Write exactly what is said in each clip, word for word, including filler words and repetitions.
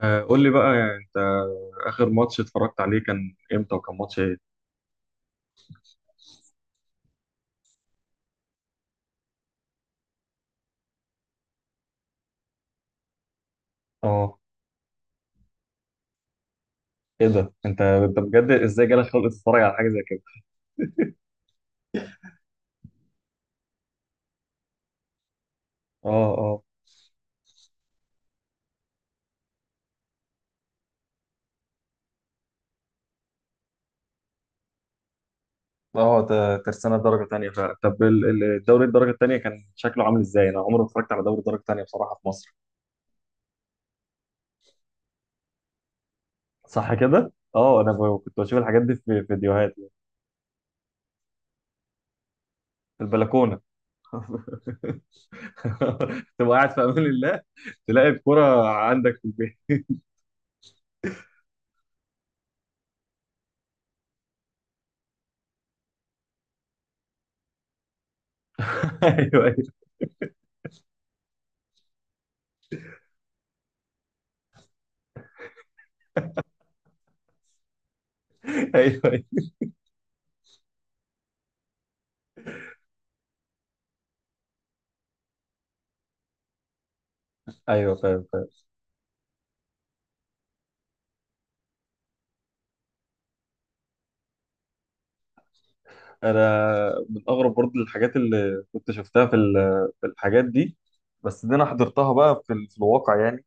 آه، قول لي بقى يعني انت اخر ماتش اتفرجت عليه كان امتى وكان ماتش ايه؟ اه. ايه ده انت انت بجد ازاي جالك خلق تتفرج على حاجه زي كده؟ اه اه. اه، ده ترسانة درجة تانية فعلا. طب ال- ال- الدوري الدرجه الثانيه كان شكله عامل ازاي؟ انا عمري ما اتفرجت على دوري الدرجه الثانيه بصراحه في مصر. صح كده؟ اه، انا ب- كنت بشوف الحاجات دي في فيديوهات في البلكونه. تبقى قاعد في امان الله، تلاقي الكرة عندك في البيت. ايوه ايوه ايوه ايوه أيوة، فاهم فاهم. انا من اغرب برضه الحاجات اللي كنت شفتها في ال- في الحاجات دي، بس دي انا حضرتها بقى في، ال- في الواقع يعني.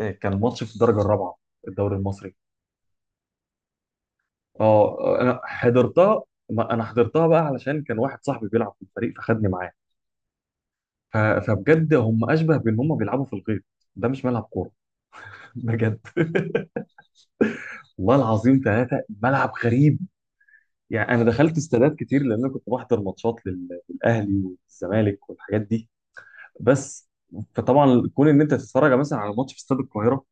إيه، كان ماتش في الدرجه الرابعه الدوري المصري. اه، انا حضرتها، ما انا حضرتها بقى علشان كان واحد صاحبي بيلعب في الفريق فخدني معاه. ف- فبجد هم اشبه بان هم بيلعبوا في الغيط، ده مش ملعب كوره. بجد والله العظيم ثلاثه، ملعب غريب. يعني انا دخلت استادات كتير لان انا كنت بحضر ماتشات لل- للاهلي والزمالك والحاجات دي، بس. فطبعا كون ان انت تتفرج مثلا على ماتش في استاد القاهره،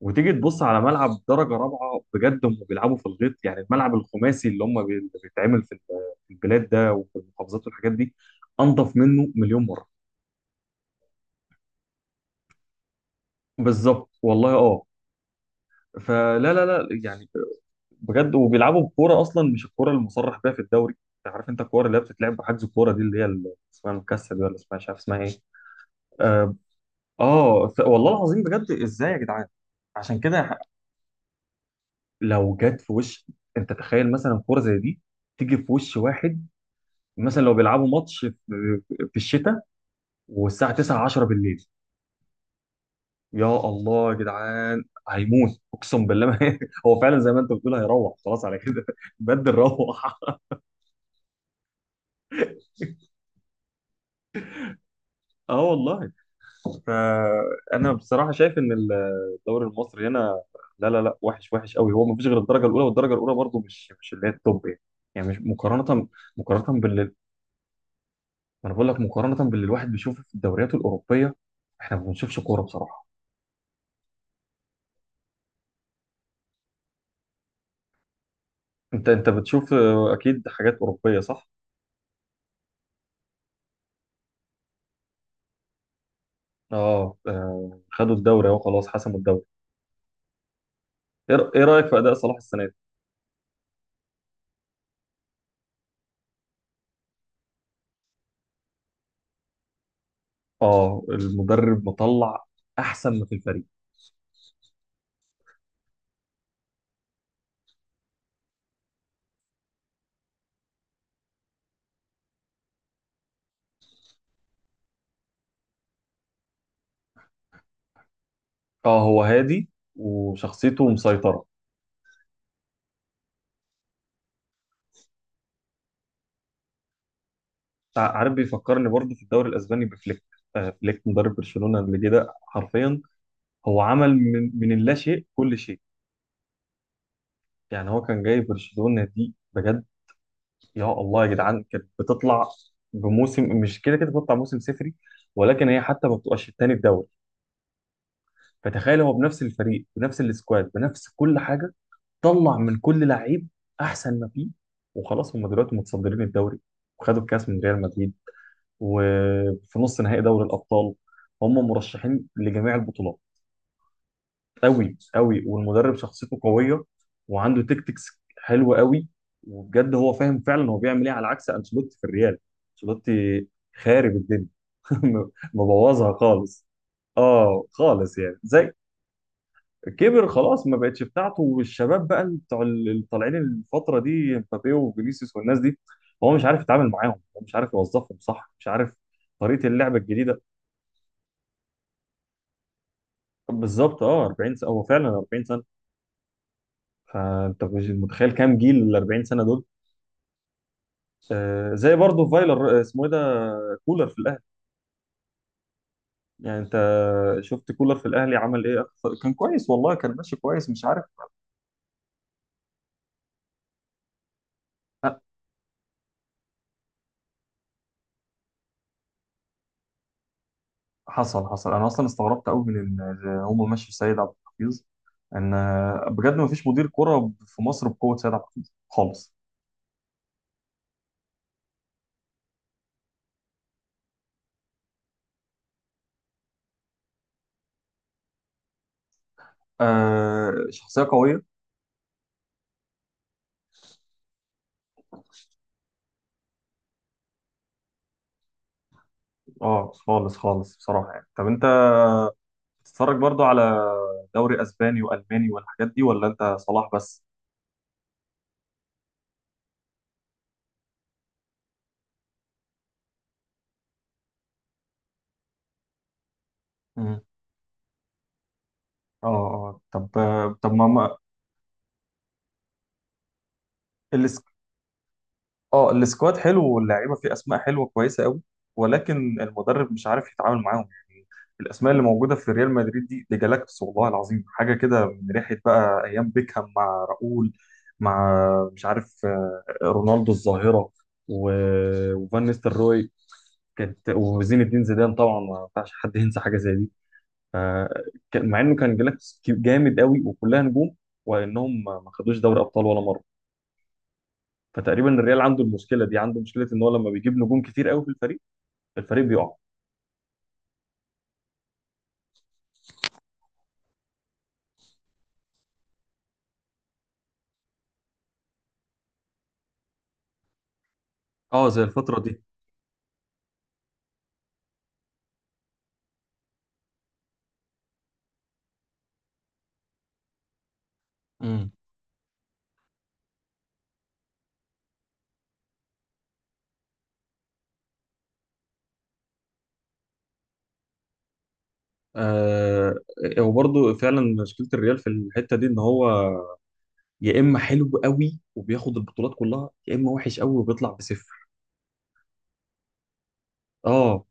وتيجي تبص على ملعب درجه رابعه، بجد هم بيلعبوا في الغيط. يعني الملعب الخماسي اللي هم بي- اللي بيتعمل في ال- في البلاد ده وفي المحافظات والحاجات دي، انضف منه مليون مره. بالظبط والله، اه. فلا لا لا يعني بجد، وبيلعبوا بكوره اصلا مش الكوره المصرح بيها في الدوري. انت عارف انت الكوره اللي هي بتتلعب بحجز الكوره دي اللي هي ال- اسمها المكسل دي، ولا اسمها مش عارف اسمها ايه. اه. آه، ف- والله العظيم بجد، ازاي يا جدعان؟ عشان كده لو جت في وش، انت تخيل مثلا كوره زي دي تيجي في وش واحد، مثلا لو بيلعبوا ماتش في في الشتاء والساعه تسعة عشرة بالليل، يا الله يا جدعان هيموت اقسم بالله ما هو فعلا زي ما انت بتقول هيروح خلاص على كده. بدل روح. اه والله. فانا بصراحه شايف ان الدوري المصري هنا، لا لا لا وحش، وحش قوي. هو ما فيش غير الدرجه الاولى، والدرجه الاولى برضه مش مش اللي هي التوب يعني. يعني مش مقارنه، مقارنه. ما انا بقول لك مقارنه باللي الواحد بيشوفه في الدوريات الاوروبيه، احنا ما بنشوفش كوره بصراحه. انت انت بتشوف آه، اكيد حاجات اوروبيه، صح. اه، آه، خدوا الدوري اهو، خلاص حسموا الدوري. ايه ر- إيه رايك في اداء صلاح السنه دي؟ اه، المدرب مطلع احسن ما في الفريق. اه، هو هادي وشخصيته مسيطره. تع- عارف، بيفكرني برضه في الدوري الاسباني بفليك. آه، فليك مدرب برشلونه اللي جه ده، حرفيا هو عمل من من اللا شيء كل شيء. يعني هو كان جاي برشلونه دي بجد، يا الله يا جدعان كانت بتطلع بموسم مش كده كده، بتطلع موسم صفري، ولكن هي حتى ما بتبقاش التاني الدوري. فتخيل هو بنفس الفريق، بنفس السكواد، بنفس كل حاجه، طلع من كل لعيب احسن ما فيه، وخلاص هم دلوقتي متصدرين الدوري، وخدوا الكاس من ريال مدريد، وفي نص نهائي دوري الابطال، هم مرشحين لجميع البطولات. قوي قوي. والمدرب شخصيته قويه، وعنده تكتكس حلوه قوي، وبجد هو فاهم فعلا هو بيعمل ايه، على عكس انشيلوتي في الريال. انشيلوتي خارب الدنيا. مبوظها خالص، اه خالص. يعني زي، كبر خلاص ما بقتش بتاعته، والشباب بقى اللي بتوع ال- اللي طالعين الفتره دي، مبابي وفينيسيوس والناس دي، هو مش عارف يتعامل معاهم، هو مش عارف يوظفهم صح، مش عارف طريقه اللعبه الجديده. بالظبط، اه أربعون سنه، هو فعلا أربعون سنه. فانت مش متخيل كام جيل ال اربعين سنه دول. آه، زي برضه فايلر، آه، اسمه ايه ده، كولر في الاهلي. يعني انت شفت كولر في الاهلي عمل ايه أكتر- كان كويس والله، كان ماشي كويس، مش عارف. لا، حصل حصل. انا اصلا استغربت قوي من ان هم مشوا سيد عبد الحفيظ، ان آه، بجد ما فيش مدير كرة في مصر بقوة سيد عبد الحفيظ خالص. آه، شخصية قوية. اه خالص خالص بصراحة. يعني طب انت بتتفرج برضه على دوري اسباني والماني والحاجات دي، ولا انت صلاح بس؟ مم. اه اه. طب آه، طب ما ما- اللي، اه السكواد حلو، واللعيبه فيه اسماء حلوه كويسه قوي، ولكن المدرب مش عارف يتعامل معاهم يعني. الاسماء اللي موجوده في ريال مدريد دي، دي جالاكتس والله العظيم. حاجه كده من ريحه بقى ايام بيكهام مع راؤول، مع مش عارف، آه، رونالدو الظاهره، و- وفان نيستلروي، كانت. وزين الدين زيدان طبعا ما ينفعش حد ينسى حاجه زي دي. ف- كان- مع انه كان جالاكتس جامد قوي وكلها نجوم، وانهم ما ما خدوش دوري ابطال ولا مره. فتقريبا الريال عنده المشكله دي، عنده مشكله ان هو لما بيجيب نجوم كتير قوي في الفريق، الفريق بيقع. اه زي الفتره دي. امم. آه، وبرضه فعلا مشكله الريال في الحته دي، ان هو يا اما حلو قوي وبياخد البطولات كلها، يا اما وحش قوي وبيطلع بصفر. اه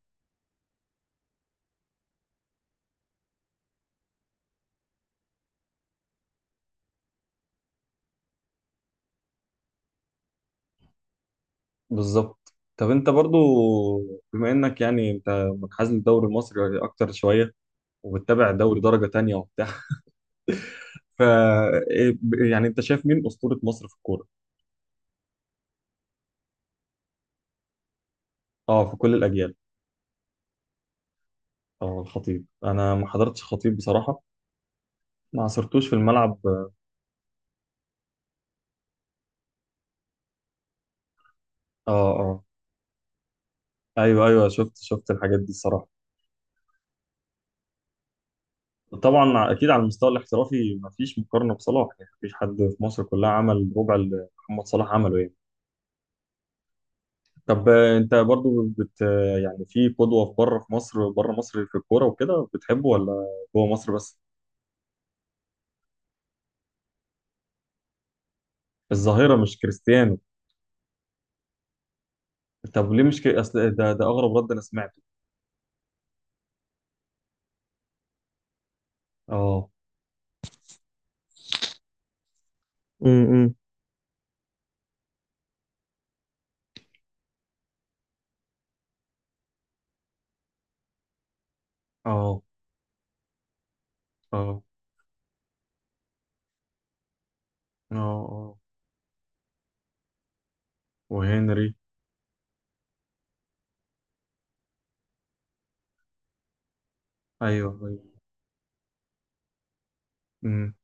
بالظبط. طب انت برضو، بما انك يعني انت منحاز للدوري المصري اكتر شويه، وبتتابع دوري درجه تانية وبتاع، ف إيه، يعني انت شايف مين اسطوره مصر في الكوره؟ اه، في كل الاجيال. اه، الخطيب. انا ما حضرتش خطيب بصراحه، ما عصرتوش في الملعب، اه. اه ايوه ايوه، شفت شفت الحاجات دي الصراحه. طبعا ع- اكيد على المستوى الاحترافي ما فيش مقارنه بصلاح يعني، ما فيش حد في مصر كلها عمل ربع اللي محمد صلاح عمله يعني. طب آه، انت برضو بت آه، يعني في قدوه في بره، في مصر بره مصر في الكوره وكده بتحبه، ولا جوه مصر بس؟ الظاهره مش كريستيانو. طب ليه مش كري... اصل ده ده اغرب رد انا سمعته. اه. امم. اه اه اه اه. وهنري. ايوه أيوة. امم.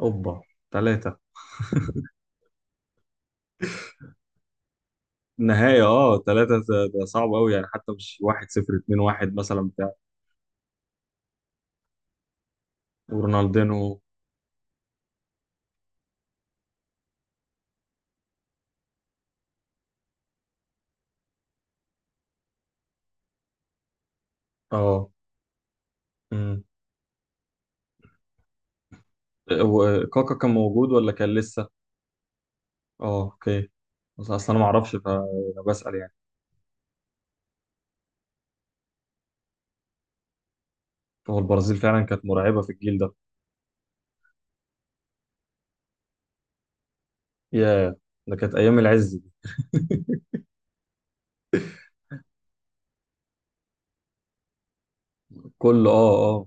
اوبا، ثلاثة. النهاية اه ثلاثة، ده ده صعب قوي يعني، حتى مش واحد صفر اتنين واحد مثلا بتاع. ورونالدينو. اه. امم. وكاكا كان موجود ولا كان لسه؟ اه اوكي. بس اصلا انا ما اعرفش فانا بسأل يعني. هو البرازيل فعلا كانت مرعبة في الجيل ده. يا، ده كانت ايام العز دي. كله اه اه.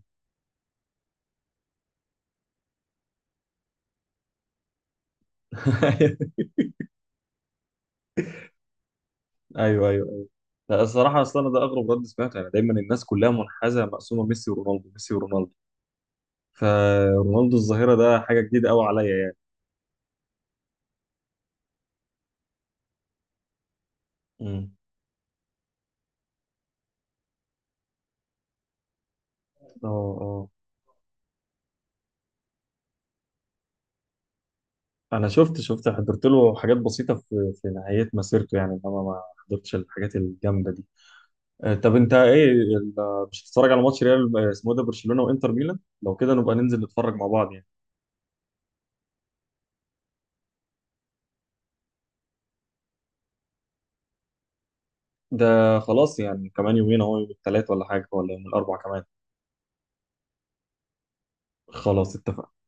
ايوه ايوه ايوه. لا الصراحة اصلا أنا ده اغرب رد سمعته يعني. دايما الناس كلها منحازة مقسومة ميسي ورونالدو، ميسي ورونالدو. فرونالدو الظاهرة ده حاجة جديدة قوي عليا يعني. امم. اه اه. انا شفت شفت حضرت له حاجات بسيطه في في نهايه مسيرته يعني، انما ما حضرتش الحاجات الجامده دي. آه، طب انت ايه ال- مش هتتفرج على ماتش ريال آه، اسمه ايه ده، برشلونه وانتر ميلان؟ لو كده نبقى ننزل نتفرج مع بعض يعني. ده خلاص، يعني كمان يومين اهو، يوم الثلاث ولا حاجه، ولا يوم الاربع كمان. خلاص اتفقنا.